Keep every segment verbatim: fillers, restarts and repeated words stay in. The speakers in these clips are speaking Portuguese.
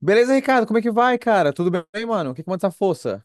Beleza, Ricardo? Como é que vai, cara? Tudo bem, mano? O que que manda essa força?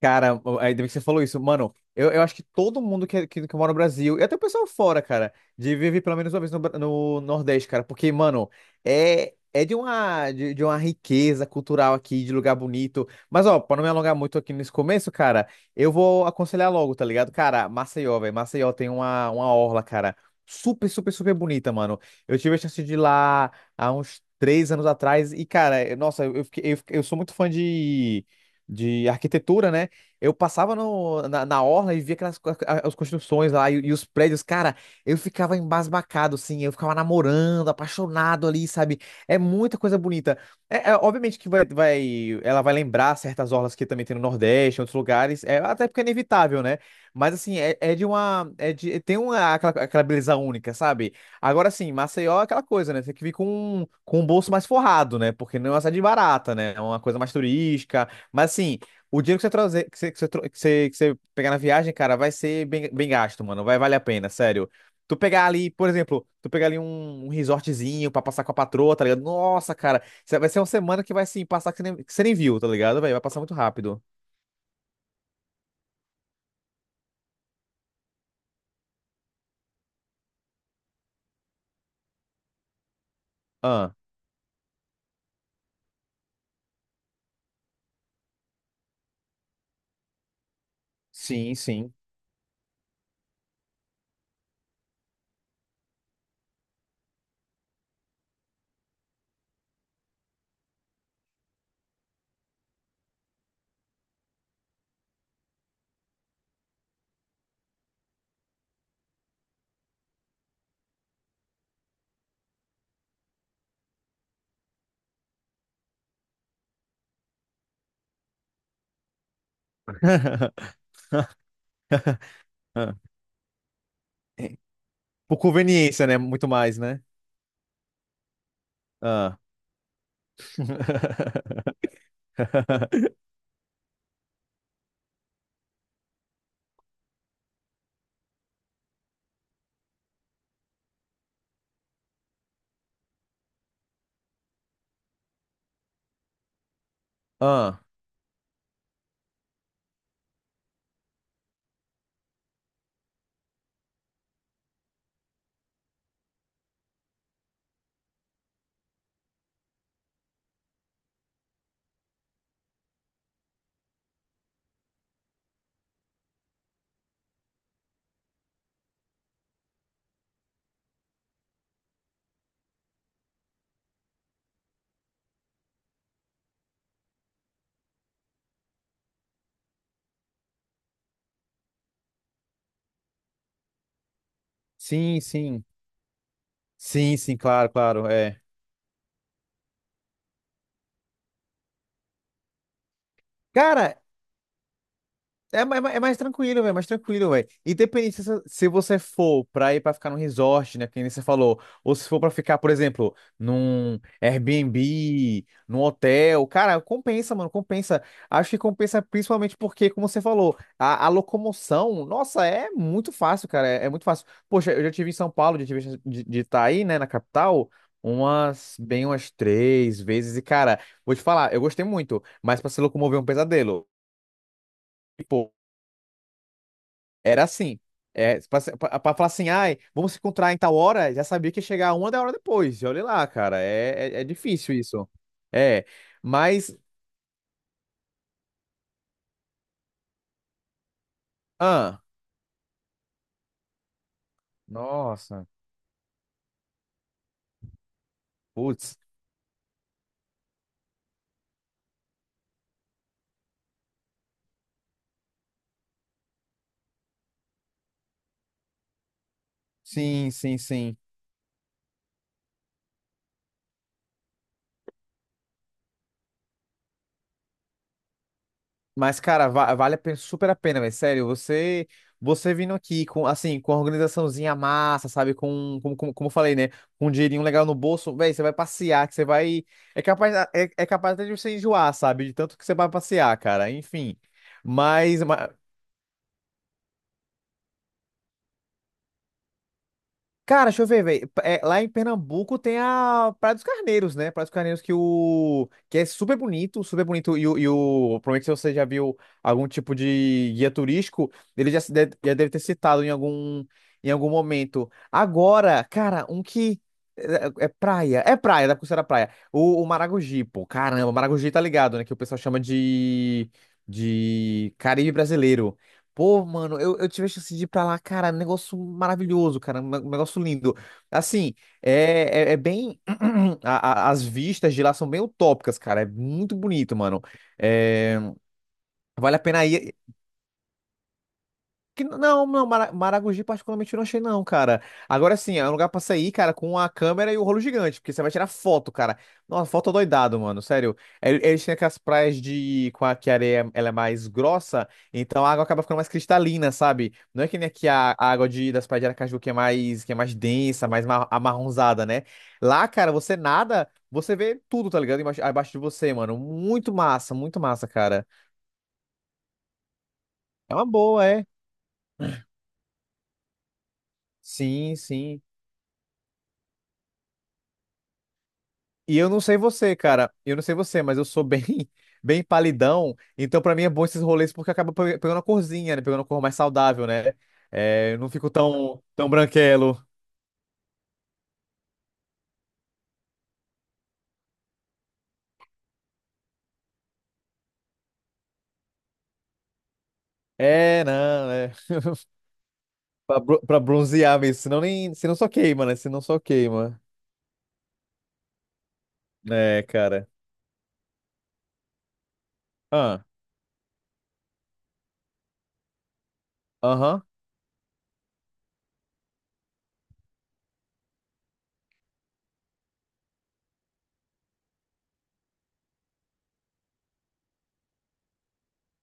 Cara, o- ainda bem que você falou isso. Mano, eu, eu acho que todo mundo que, é, que, que mora no Brasil, e até o pessoal fora, cara, de viver pelo menos uma vez no, Bra- no Nordeste, cara. Porque, mano, é, é de uma, de, de uma riqueza cultural aqui, de lugar bonito. Mas, ó, pra não me alongar muito aqui nesse começo, cara, eu vou aconselhar logo, tá ligado? Cara, Maceió, velho. Maceió tem uma, uma orla, cara, super, super, super bonita, mano. Eu tive a chance de ir lá há uns três anos atrás, e, cara, eu- nossa, eu, eu, fiquei- eu, fiquei- eu sou muito fã de. De arquitetura, né? Eu passava no, na, na orla e via aquelas co- a- as construções lá e, e os prédios, cara, eu ficava embasbacado, assim, eu ficava namorando, apaixonado ali, sabe? É muita coisa bonita. É, é, obviamente que vai, vai, ela vai lembrar certas orlas que também tem no Nordeste, em outros lugares, é, até porque é inevitável, né? Mas assim, é, é de uma, é de, tem uma, aquela, aquela beleza única, sabe? Agora sim, Maceió é aquela coisa, né? Tem que vir com, com o bolso mais forrado, né? Porque não é uma cidade barata, né? É uma coisa mais turística, mas assim. O dinheiro que você trazer, que você, que você, tro- que você, que você pegar na viagem, cara, vai ser bem, bem gasto, mano. Vai valer a pena, sério. Tu pegar ali, por exemplo, tu pegar ali um, um resortzinho pra passar com a patroa, tá ligado? Nossa, cara, cê- vai ser uma semana que vai, assim, passar que, você nem, que você nem viu, tá ligado, velho? Vai passar muito rápido. Ah, sim, sim. Ah. Por conveniência, né? Muito mais, né? Ah. Ah, sim, sim. Sim, sim, claro, claro, é. Cara, É, ma- é ma- é mais tranquilo, velho, é mais tranquilo, velho. Independente se, você- se você for pra ir pra ficar num resort, né, que nem você falou, ou se for pra ficar, por exemplo, num Airbnb, num hotel, cara, compensa, mano, compensa. Acho que compensa principalmente porque, como você falou, a, a locomoção, nossa, é muito fácil, cara, é, é muito fácil. Poxa, eu já tive em São Paulo, já tive chance de estar aí, né, na capital, umas, bem umas três vezes, e, cara, vou te falar, eu gostei muito, mas pra se locomover é um pesadelo. Tipo, era assim. É, pra, pra- pra falar assim, ai, vamos se encontrar em tal hora, já sabia que ia chegar uma da hora depois. E olha lá, cara, é, é, é difícil isso. É, mas, ah, nossa, putz, sim, sim, sim. Mas, cara, va- vale a pe- super a pena, velho. Sério, você, você vindo aqui com, assim, com a organizaçãozinha massa, sabe? Com, com, com- como eu falei, né? Com um dinheirinho legal no bolso, velho, você vai passear, que você vai. É capaz, é, é capaz até de você enjoar, sabe? De tanto que você vai passear, cara. Enfim. Mas, cara, deixa eu ver, velho. É, lá em Pernambuco tem a Praia dos Carneiros, né? Praia dos Carneiros que o que é super bonito, super bonito. E, o, e o... provavelmente se você já viu algum tipo de guia turístico, ele já, se de- já deve ter citado em algum em algum momento. Agora, cara, um que é, é praia, é praia, da Costeira Praia. O, o Maragogi, pô, caramba, Maragogi tá ligado, né? Que o pessoal chama de de Caribe brasileiro. Pô, mano, eu, eu tive a chance de ir pra lá, cara, um negócio maravilhoso, cara, um ne- um negócio lindo. Assim, é, é, é bem. a- a- as vistas de lá são bem utópicas, cara, é muito bonito, mano. É, vale a pena ir, que, n- não, não, Mara- Maragogi particularmente eu não achei não, cara. Agora sim, é um lugar pra sair, cara, com a câmera e o rolo gigante, porque você vai tirar foto, cara. Nossa, foto doidado, mano, sério. El- Eles têm aquelas praias de... com a que a areia ela é mais grossa, então a água acaba ficando mais cristalina, sabe? Não é que nem aqui a a água de... das praias de Aracaju que é mais, que é mais densa, mais ma- amarronzada, né? Lá, cara, você nada, você vê tudo, tá ligado? Embaixo- Abaixo de você, mano. Muito massa, muito massa, cara. É uma boa, é. Sim, sim. E eu não sei você, cara. Eu não sei você, mas eu sou bem, bem palidão. Então, pra mim, é bom esses rolês porque acaba pe- pegando a corzinha, né? Pegando a cor mais saudável, né? É, eu não fico tão, tão branquelo. É, não, é. Pra, bro- pra bronzear mesmo. Senão nem. Senão só queima, né? Senão só queima. É, cara. Ah, aham.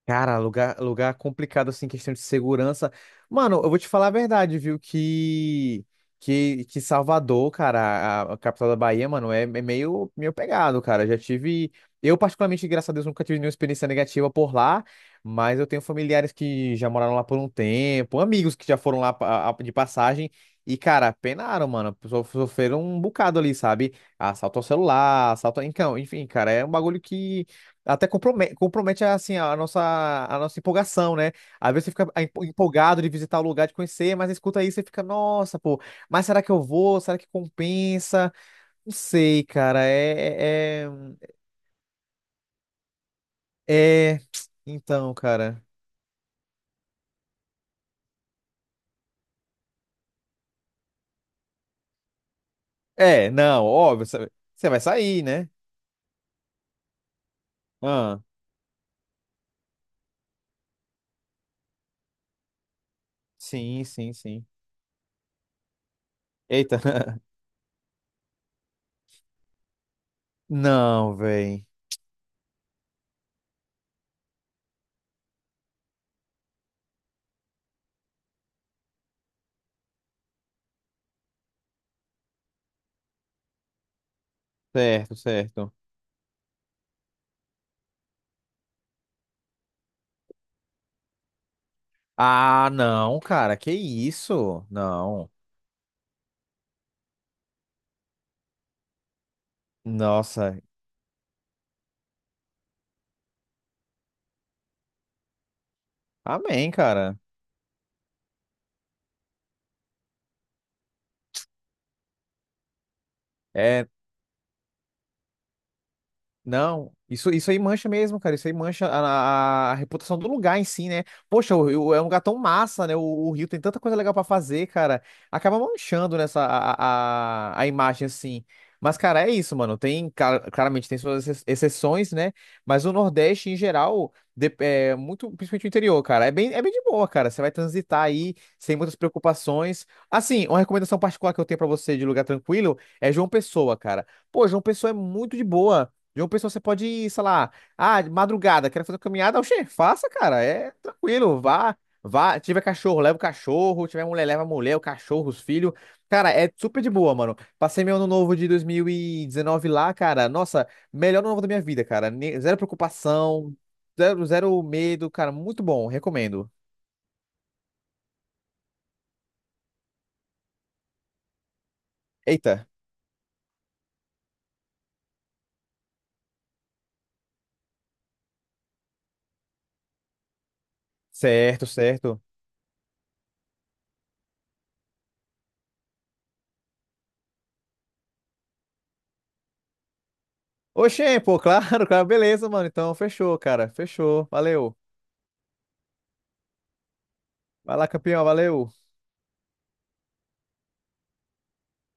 Cara, lugar, lugar complicado, assim, questão de segurança. Mano, eu vou te falar a verdade, viu? Que, que, que Salvador, cara, a, a capital da Bahia, mano, é, é meio, meio pegado, cara. Já tive. Eu, particularmente, graças a Deus, nunca tive nenhuma experiência negativa por lá, mas eu tenho familiares que já moraram lá por um tempo, amigos que já foram lá pa- a- de passagem. E, cara, penaram, mano. so- Sofreram um bocado ali, sabe? Assalto ao celular, assalto. Então, enfim, cara, é um bagulho que. Até compromete, compromete assim, a nossa, a nossa empolgação, né? Às vezes você fica empo- empolgado de visitar o lugar, de conhecer, mas escuta aí, você fica, nossa, pô, mas será que eu vou? Será que compensa? Não sei, cara. É, é, é... é- Então, cara. É, não, óbvio, você você vai sair, né? Ah, sim, sim, sim. Eita. Não, véi. Certo, certo. Ah, não, cara, que isso? Não. Nossa. Amém, cara. É, não, isso, isso aí mancha mesmo, cara. Isso aí mancha a, a- a reputação do lugar em si, né? Poxa, o- o- é um lugar tão massa, né? O, o Rio tem tanta coisa legal pra fazer, cara. Acaba manchando nessa a, a, a imagem, assim. Mas, cara, é isso, mano. Tem, cara, claramente, tem suas ex- exceções, né? Mas o Nordeste, em geral, de- é muito, principalmente o interior, cara, é bem, é bem de boa, cara. Você vai transitar aí sem muitas preocupações. Assim, uma recomendação particular que eu tenho pra você de lugar tranquilo é João Pessoa, cara. Pô, João Pessoa é muito de boa. Jogo pessoal, você pode ir, sei lá, ah, de madrugada, quero fazer uma caminhada, oxê, faça, cara, é tranquilo, vá, vá, tiver cachorro, leva o cachorro, tiver mulher, leva a mulher, o cachorro, os filhos, cara, é super de boa, mano. Passei meu ano novo de dois mil e dezenove lá, cara, nossa, melhor ano novo da minha vida, cara, Ne- zero preocupação, zero, zero medo, cara, muito bom, recomendo. Eita, certo, certo. Oxê, pô, claro, claro, beleza, mano, então, fechou, cara, fechou, valeu. Vai lá, campeão, valeu.